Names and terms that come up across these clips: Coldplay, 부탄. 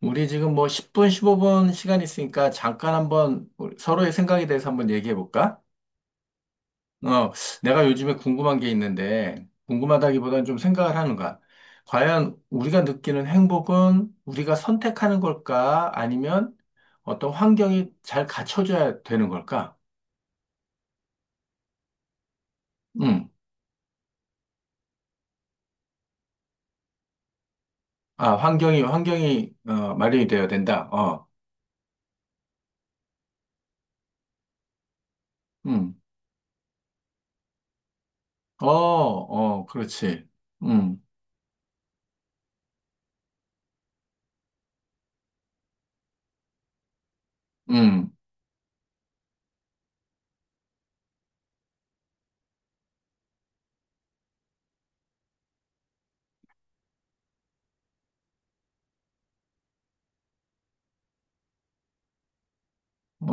우리 지금 뭐 10분, 15분 시간 있으니까 잠깐 한번 우리 서로의 생각에 대해서 한번 얘기해 볼까? 어, 내가 요즘에 궁금한 게 있는데, 궁금하다기보다는 좀 생각을 하는 거야. 과연 우리가 느끼는 행복은 우리가 선택하는 걸까? 아니면 어떤 환경이 잘 갖춰줘야 되는 걸까? 음. 아, 환경이, 마련이 되어야 된다. 어, 음. 어, 어, 그렇지. 음, 음,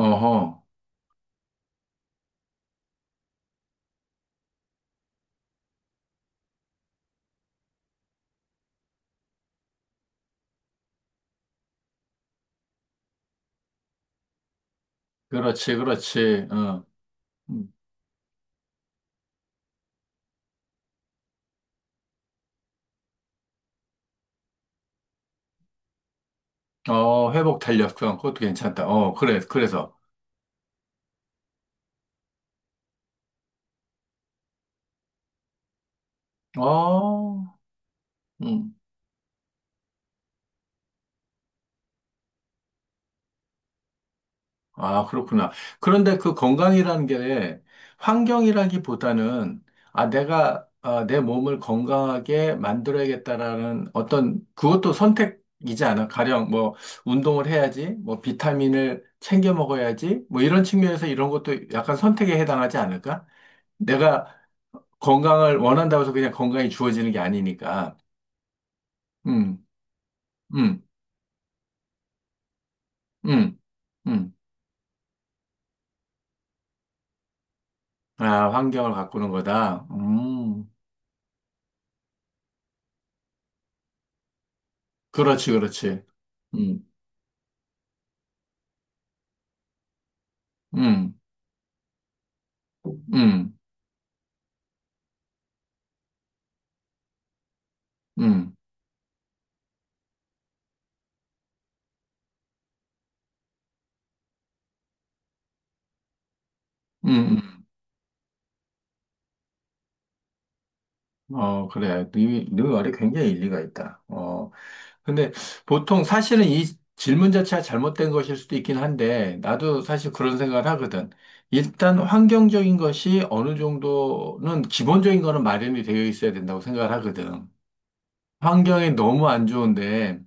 어허. 그렇지, 그렇지. 어. 음. 어, 회복 탄력성, 그것도 괜찮다. 어, 그래, 그래서. 어, 음, 아, 그렇구나. 그런데 그 건강이라는 게 환경이라기보다는, 아, 내 몸을 건강하게 만들어야겠다라는 어떤, 그것도 선택이지 않아. 가령, 뭐, 운동을 해야지, 뭐, 비타민을 챙겨 먹어야지, 뭐, 이런 측면에서 이런 것도 약간 선택에 해당하지 않을까? 내가 건강을 원한다고 해서 그냥 건강이 주어지는 게 아니니까. 음, 음. 음, 음. 아, 환경을 바꾸는 거다. 그렇지, 그렇지. 음, 음, 음, 음, 음. 음. 어, 그래. 네, 네 말이 굉장히 일리가 있다. 근데 보통 사실은 이 질문 자체가 잘못된 것일 수도 있긴 한데, 나도 사실 그런 생각을 하거든. 일단 환경적인 것이 어느 정도는 기본적인 거는 마련이 되어 있어야 된다고 생각을 하거든. 환경이 너무 안 좋은데,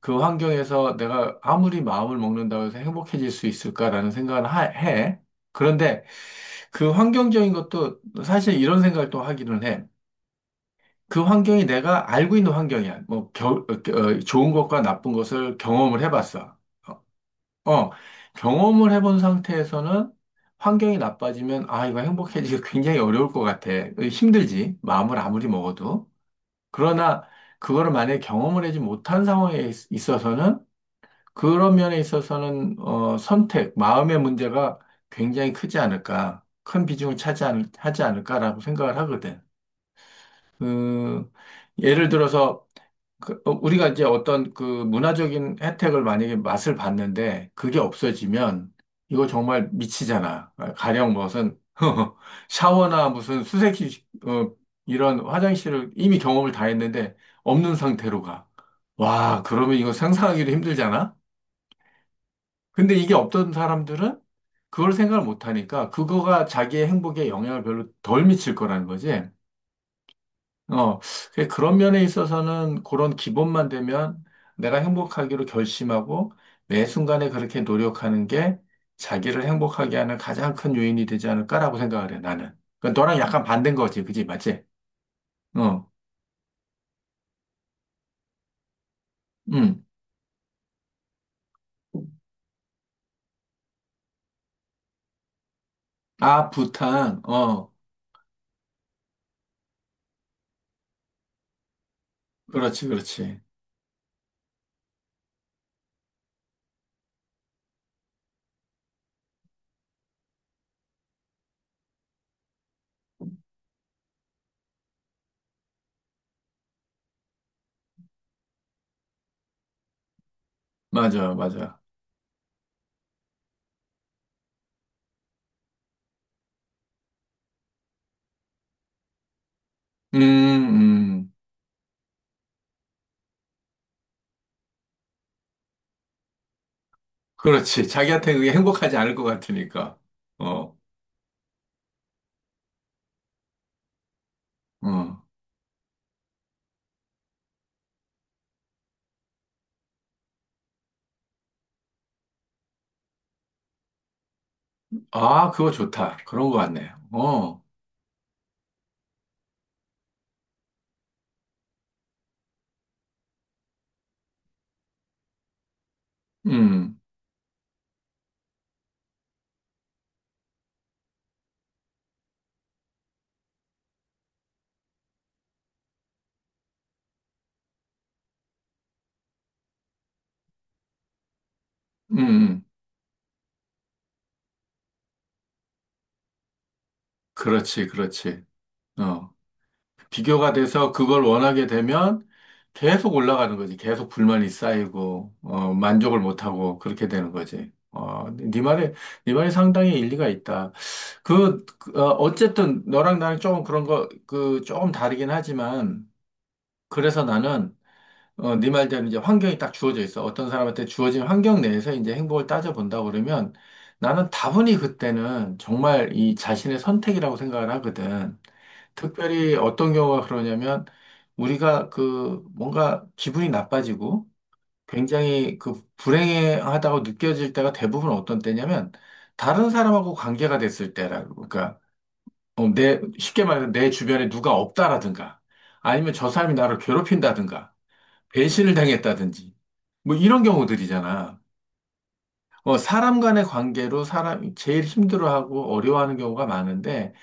그 환경에서 내가 아무리 마음을 먹는다고 해서 행복해질 수 있을까라는 생각을 해. 그런데 그 환경적인 것도 사실 이런 생각을 또 하기는 해. 그 환경이 내가 알고 있는 환경이야. 뭐, 좋은 것과 나쁜 것을 경험을 해봤어. 어, 어, 경험을 해본 상태에서는 환경이 나빠지면, 아, 이거 행복해지기 굉장히 어려울 것 같아. 힘들지. 마음을 아무리 먹어도. 그러나, 그거를 만약에 경험을 하지 못한 상황에 있어서는 그런 면에 있어서는 선택, 마음의 문제가 굉장히 크지 않을까, 큰 비중을 차지하는, 하지 않을까라고 생각을 하거든. 그, 예를 들어서 그, 어, 우리가 이제 어떤 그 문화적인 혜택을 만약에 맛을 봤는데 그게 없어지면 이거 정말 미치잖아. 아, 가령 무슨 샤워나 무슨 수세식 이런 화장실을 이미 경험을 다 했는데 없는 상태로 가. 와, 그러면 이거 상상하기도 힘들잖아. 근데 이게 없던 사람들은 그걸 생각을 못 하니까 그거가 자기의 행복에 영향을 별로 덜 미칠 거라는 거지. 어, 그래서 그런 면에 있어서는 그런 기본만 되면 내가 행복하기로 결심하고 매 순간에 그렇게 노력하는 게 자기를 행복하게 하는 가장 큰 요인이 되지 않을까라고 생각을 해, 나는. 그러니까 너랑 약간 반대인 거지, 그지? 맞지? 어, 음. 아, 부탄 어, 그렇지, 그렇지. 맞아, 맞아. 음, 음. 그렇지. 자기한테 그게 행복하지 않을 것 같으니까. 어, 어. 아, 그거 좋다. 그런 것 같네. 어, 음, 음, 음. 그렇지, 그렇지. 어. 비교가 돼서 그걸 원하게 되면 계속 올라가는 거지. 계속 불만이 쌓이고, 만족을 못하고, 그렇게 되는 거지. 네 말에 상당히 일리가 있다. 어쨌든 너랑 나랑 조금 그런 거, 조금 다르긴 하지만, 그래서 나는 네 말대로 이제 환경이 딱 주어져 있어. 어떤 사람한테 주어진 환경 내에서 이제 행복을 따져본다 그러면 나는 다분히 그때는 정말 이 자신의 선택이라고 생각을 하거든. 특별히 어떤 경우가 그러냐면 우리가 그 뭔가 기분이 나빠지고 굉장히 그 불행하다고 느껴질 때가 대부분 어떤 때냐면 다른 사람하고 관계가 됐을 때라고. 그러니까 내 쉽게 말해서 내 주변에 누가 없다라든가 아니면 저 사람이 나를 괴롭힌다든가 배신을 당했다든지 뭐 이런 경우들이잖아. 사람 간의 관계로 사람이 제일 힘들어하고 어려워하는 경우가 많은데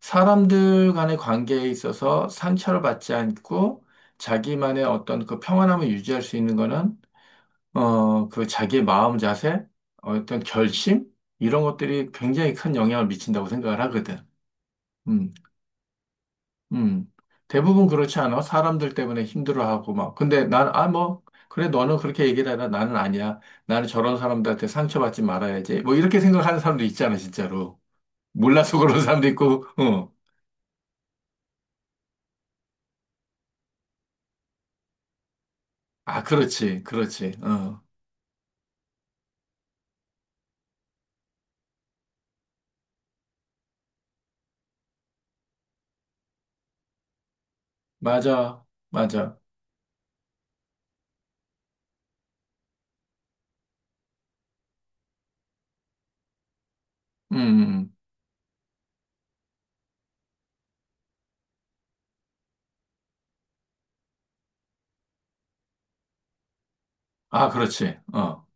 사람들 간의 관계에 있어서 상처를 받지 않고 자기만의 어떤 그 평안함을 유지할 수 있는 거는 그 자기의 마음 자세, 어떤 결심 이런 것들이 굉장히 큰 영향을 미친다고 생각을 하거든. 음. 음, 대부분 그렇지 않아? 사람들 때문에 힘들어하고 막. 근데 난, 아, 뭐, 그래, 너는 그렇게 얘기를 해라. 나는 아니야. 나는 저런 사람들한테 상처받지 말아야지. 뭐, 이렇게 생각하는 사람도 있잖아, 진짜로. 몰라서 그런 사람도 있고, 어. 아, 그렇지, 그렇지, 어. 맞아, 맞아. 음. 아, 그렇지, 어.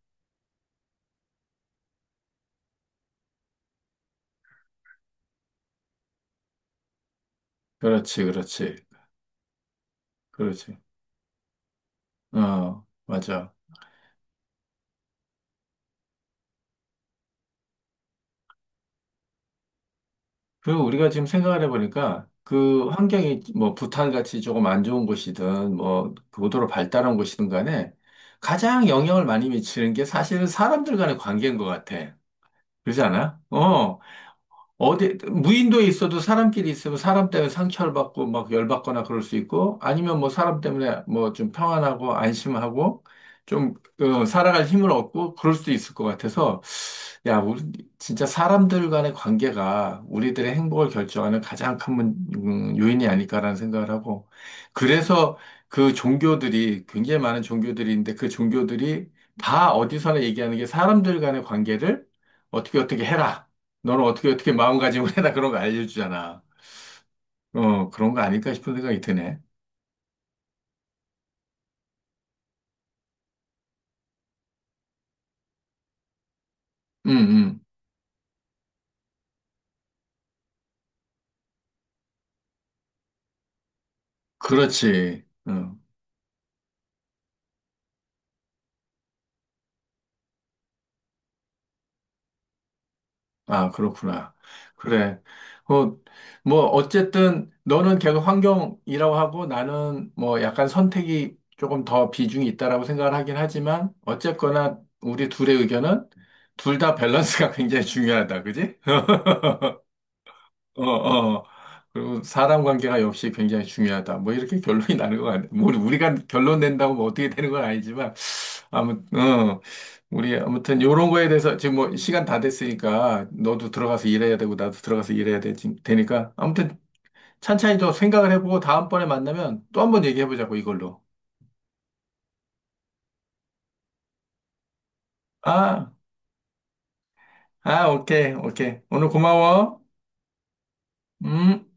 그렇지, 그렇지, 그렇지, 어. 맞아. 그리고 우리가 지금 생각을 해보니까 그 환경이 뭐 부탄같이 조금 안 좋은 곳이든 뭐 그 고도로 발달한 곳이든 간에 가장 영향을 많이 미치는 게 사실은 사람들 간의 관계인 것 같아. 그러지 않아? 어. 어디, 무인도에 있어도 사람끼리 있으면 사람 때문에 상처를 받고 막 열받거나 그럴 수 있고 아니면 뭐 사람 때문에 뭐 좀 평안하고 안심하고 좀 어, 살아갈 힘을 얻고 그럴 수도 있을 것 같아서 야, 우리 진짜 사람들 간의 관계가 우리들의 행복을 결정하는 가장 큰 요인이 아닐까라는 생각을 하고, 그래서 그 종교들이 굉장히 많은 종교들이 있는데 그 종교들이 다 어디서나 얘기하는 게 사람들 간의 관계를 어떻게 어떻게 해라. 너는 어떻게 어떻게 마음가짐을 해라. 그런 거 알려주잖아. 그런 거 아닐까 싶은 생각이 드네. 응, 응. 그렇지. 어. 아, 그렇구나. 그래. 어, 뭐, 어쨌든, 너는 계속 환경이라고 하고, 나는 뭐, 약간 선택이 조금 더 비중이 있다라고 생각을 하긴 하지만, 어쨌거나, 우리 둘의 의견은, 둘 다 밸런스가 굉장히 중요하다. 그지? 어, 어. 그리고 사람 관계가 역시 굉장히 중요하다. 뭐, 이렇게 결론이 나는 것 같네. 뭐, 우리가 결론 낸다고 뭐 어떻게 되는 건 아니지만, 아무튼, 어, 우리 아무튼 요런 거에 대해서 지금 뭐 시간 다 됐으니까 너도 들어가서 일해야 되고 나도 들어가서 되니까 아무튼 찬찬히 좀 생각을 해보고 다음번에 만나면 또 한 번 얘기해보자고 이걸로. 아, 아, 오케이, 오케이. 오늘 고마워. 음.